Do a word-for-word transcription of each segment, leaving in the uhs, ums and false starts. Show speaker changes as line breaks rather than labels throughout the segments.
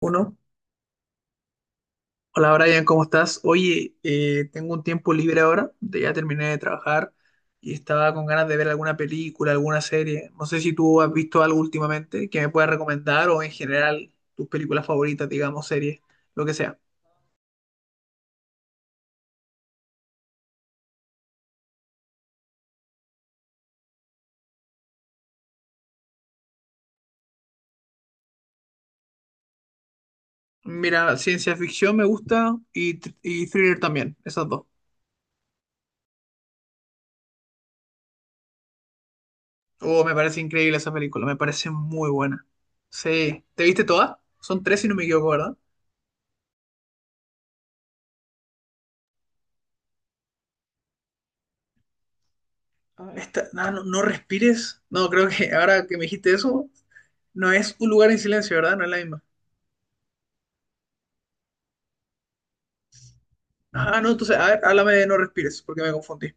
Uno, hola Brian, ¿cómo estás? Oye, eh, tengo un tiempo libre ahora, de- ya terminé de trabajar y estaba con ganas de ver alguna película, alguna serie. No sé si tú has visto algo últimamente que me puedas recomendar o en general tus películas favoritas, digamos, series, lo que sea. Mira, ciencia ficción me gusta y, tr- y thriller también, esas dos. Oh, me parece increíble esa película, me parece muy buena. Sí, ¿te viste todas? Son tres si no me equivoco, ¿verdad? Esta, no, no, no respires. No, creo que ahora que me dijiste eso, no es un lugar en silencio, ¿verdad? No es la misma. Ah, no, entonces, a ver, háblame de No Respires, porque me confundí.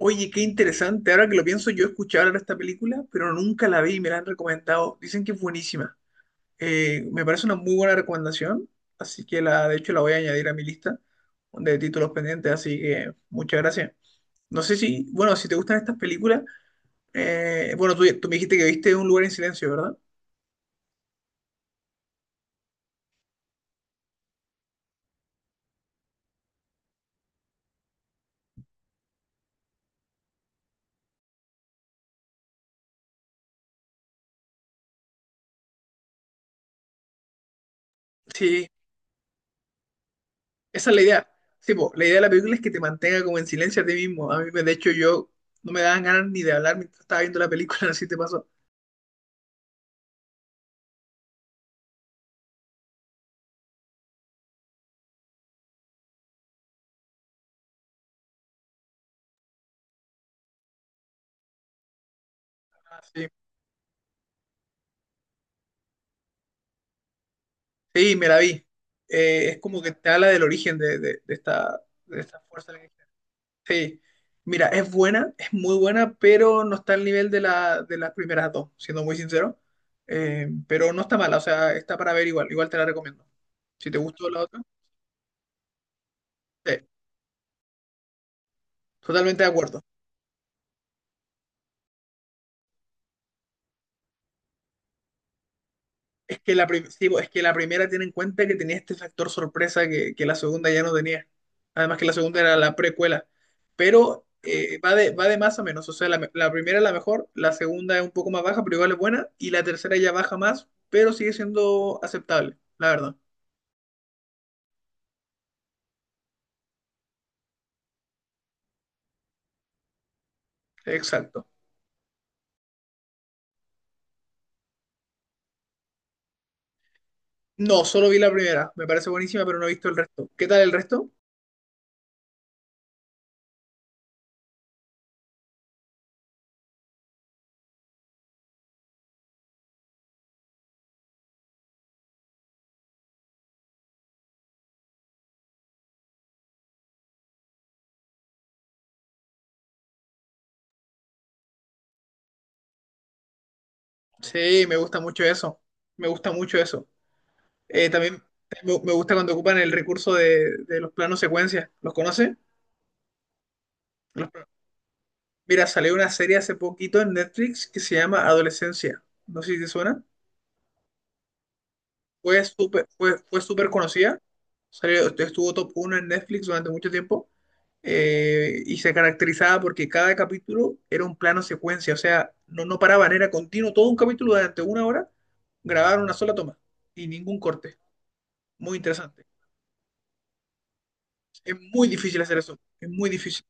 Oye, qué interesante. Ahora que lo pienso, yo escuché hablar de esta película, pero nunca la vi y me la han recomendado. Dicen que es buenísima. Eh, me parece una muy buena recomendación, así que la, de hecho la voy a añadir a mi lista de títulos pendientes, así que muchas gracias. No sé si, bueno, si te gustan estas películas, eh, bueno, tú, tú me dijiste que viste Un lugar en silencio, ¿verdad? Sí. Esa es la idea. Sí, po, la idea de la película es que te mantenga como en silencio a ti mismo. A mí, me- de hecho, yo no me daban ganas ni de hablar mientras estaba viendo la película, no sé si te pasó. Ah, sí. Sí, me la vi. Eh, es como que te habla del origen de, de- de esta, de esta fuerza alienígena. Sí, mira, es buena, es muy buena, pero no está al nivel de, la, de las primeras dos, siendo muy sincero. Eh, pero no está mala, o sea, está para ver igual, igual te la recomiendo. Si te gustó la otra, sí, totalmente de acuerdo. Es que la, prim- sí, pues, es que la primera tiene en cuenta que tenía este factor sorpresa que, que la segunda ya no tenía. Además que la segunda era la precuela. Pero eh, va de, va de más a menos. O sea, la, la primera es la mejor, la segunda es un poco más baja, pero igual es buena. Y la tercera ya baja más, pero sigue siendo aceptable, la verdad. Exacto. No, solo vi la primera. Me parece buenísima, pero no he visto el resto. ¿Qué tal el resto? Sí, me gusta mucho eso. Me gusta mucho eso. Eh, también me, me gusta cuando ocupan el recurso de, de los planos secuencia. ¿Los conoce? Mira, salió una serie hace poquito en Netflix que se llama Adolescencia. No sé si te suena. Fue súper fue, fue súper conocida. Salió, estuvo top uno en Netflix durante mucho tiempo. eh, y se caracterizaba porque cada capítulo era un plano secuencia. O sea, no, no paraban, era continuo. Todo un capítulo durante una hora grabaron una sola toma y ningún corte. Muy interesante. Es muy difícil hacer eso. Es muy difícil.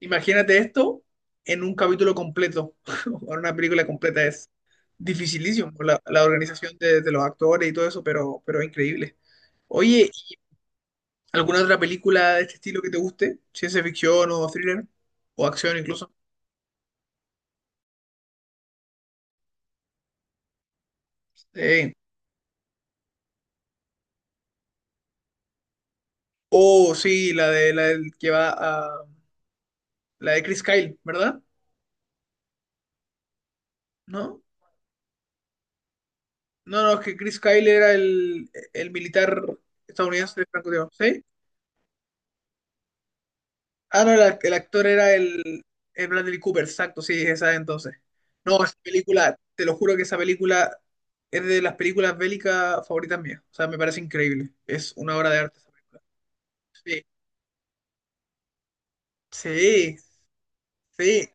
Imagínate esto en un capítulo completo, o en una película completa. Es dificilísimo la, la organización de, de los actores y todo eso, pero, pero es increíble. Oye, ¿y alguna otra película de este estilo que te guste? Ciencia ficción o thriller, o acción incluso. Eh, oh, sí, la de la del que va a. La de Chris Kyle, ¿verdad? ¿No? No, no, es que Chris Kyle era el, el militar estadounidense de francotirador. ¿Sí? Ah, no, el, act- el actor era el, el Bradley Cooper, exacto, sí, esa entonces. No, esa película, te lo juro que esa película es de las películas bélicas favoritas mías. O sea, me parece increíble. Es una obra de arte. Sí, sí, sí.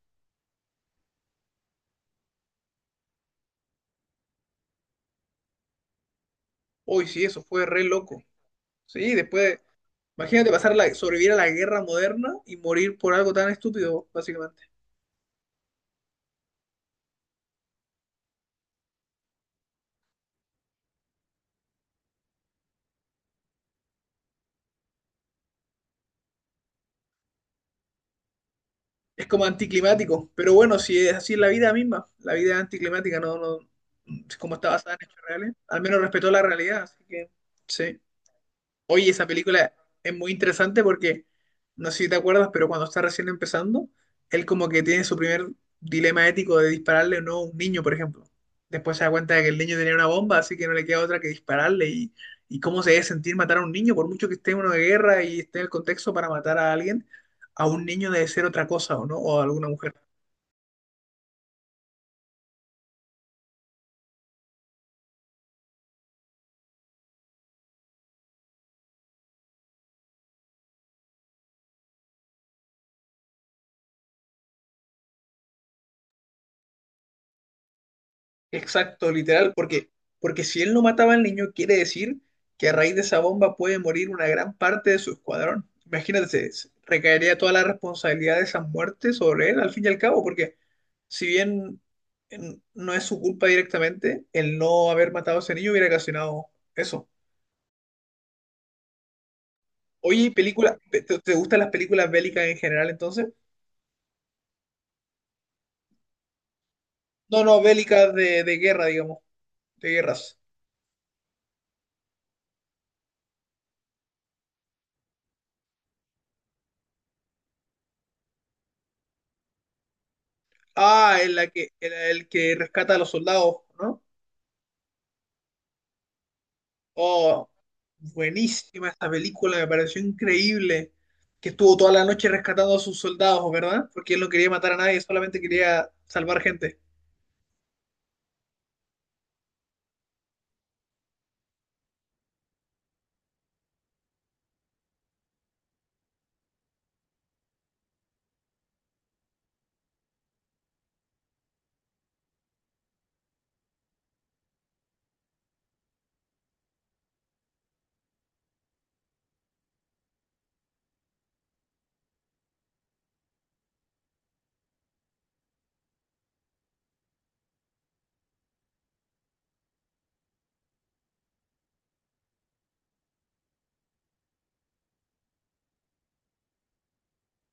Hoy sí, eso fue re loco. Sí, después, imagínate pasar la, sobrevivir a la guerra moderna y morir por algo tan estúpido, básicamente. Es como anticlimático, pero bueno, si es así es la vida misma, la vida es anticlimática, no, no, es como está basada en hechos reales, al menos respetó la realidad, así que sí. Oye, esa película es muy interesante porque, no sé si te acuerdas, pero cuando está recién empezando, él como que tiene su primer dilema ético de dispararle o no a un niño, por ejemplo. Después se da cuenta de que el niño tenía una bomba, así que no le queda otra que dispararle. Y, y cómo se debe sentir matar a un niño, por mucho que esté en una guerra y esté en el contexto para matar a alguien, a un niño debe ser otra cosa, ¿o no? O a alguna mujer. Exacto, literal, porque, porque si él no mataba al niño, quiere decir que a raíz de esa bomba puede morir una gran parte de su escuadrón. Imagínate, se- se- recaería toda la responsabilidad de esas muertes sobre él, al fin y al cabo, porque si bien en- no es su culpa directamente, el no haber matado a ese niño hubiera ocasionado eso. Oye, ¿y película, te, te gustan las películas bélicas en general entonces? No, no, bélicas de, de guerra, digamos, de guerras. Ah, en la que, en el que rescata a los soldados, ¿no? Oh, buenísima esta película, me pareció increíble que estuvo toda la noche rescatando a sus soldados, ¿verdad? Porque él no quería matar a nadie, solamente quería salvar gente.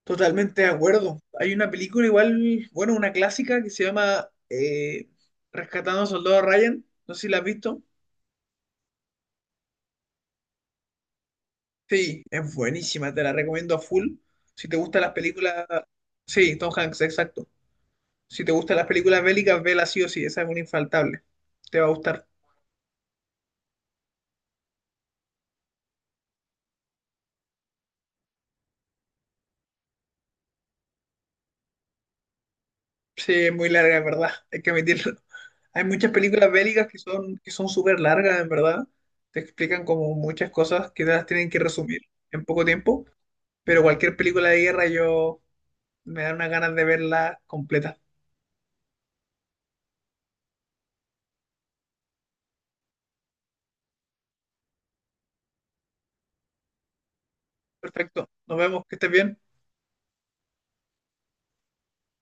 Totalmente de acuerdo. Hay una película igual, bueno, una clásica que se llama eh, Rescatando a Soldado Ryan. No sé si la has visto. Sí, es buenísima, te la recomiendo a full. Si te gustan las películas... Sí, Tom Hanks, exacto. Si te gustan las películas bélicas, vela sí o sí, esa es una infaltable. Te va a gustar. Sí, es muy larga, en verdad, hay que admitirlo. Hay muchas películas bélicas que son que son súper largas, en verdad. Te explican como muchas cosas que te las tienen que resumir en poco tiempo, pero cualquier película de guerra yo me da unas ganas de verla completa. Perfecto, nos vemos, que estés bien.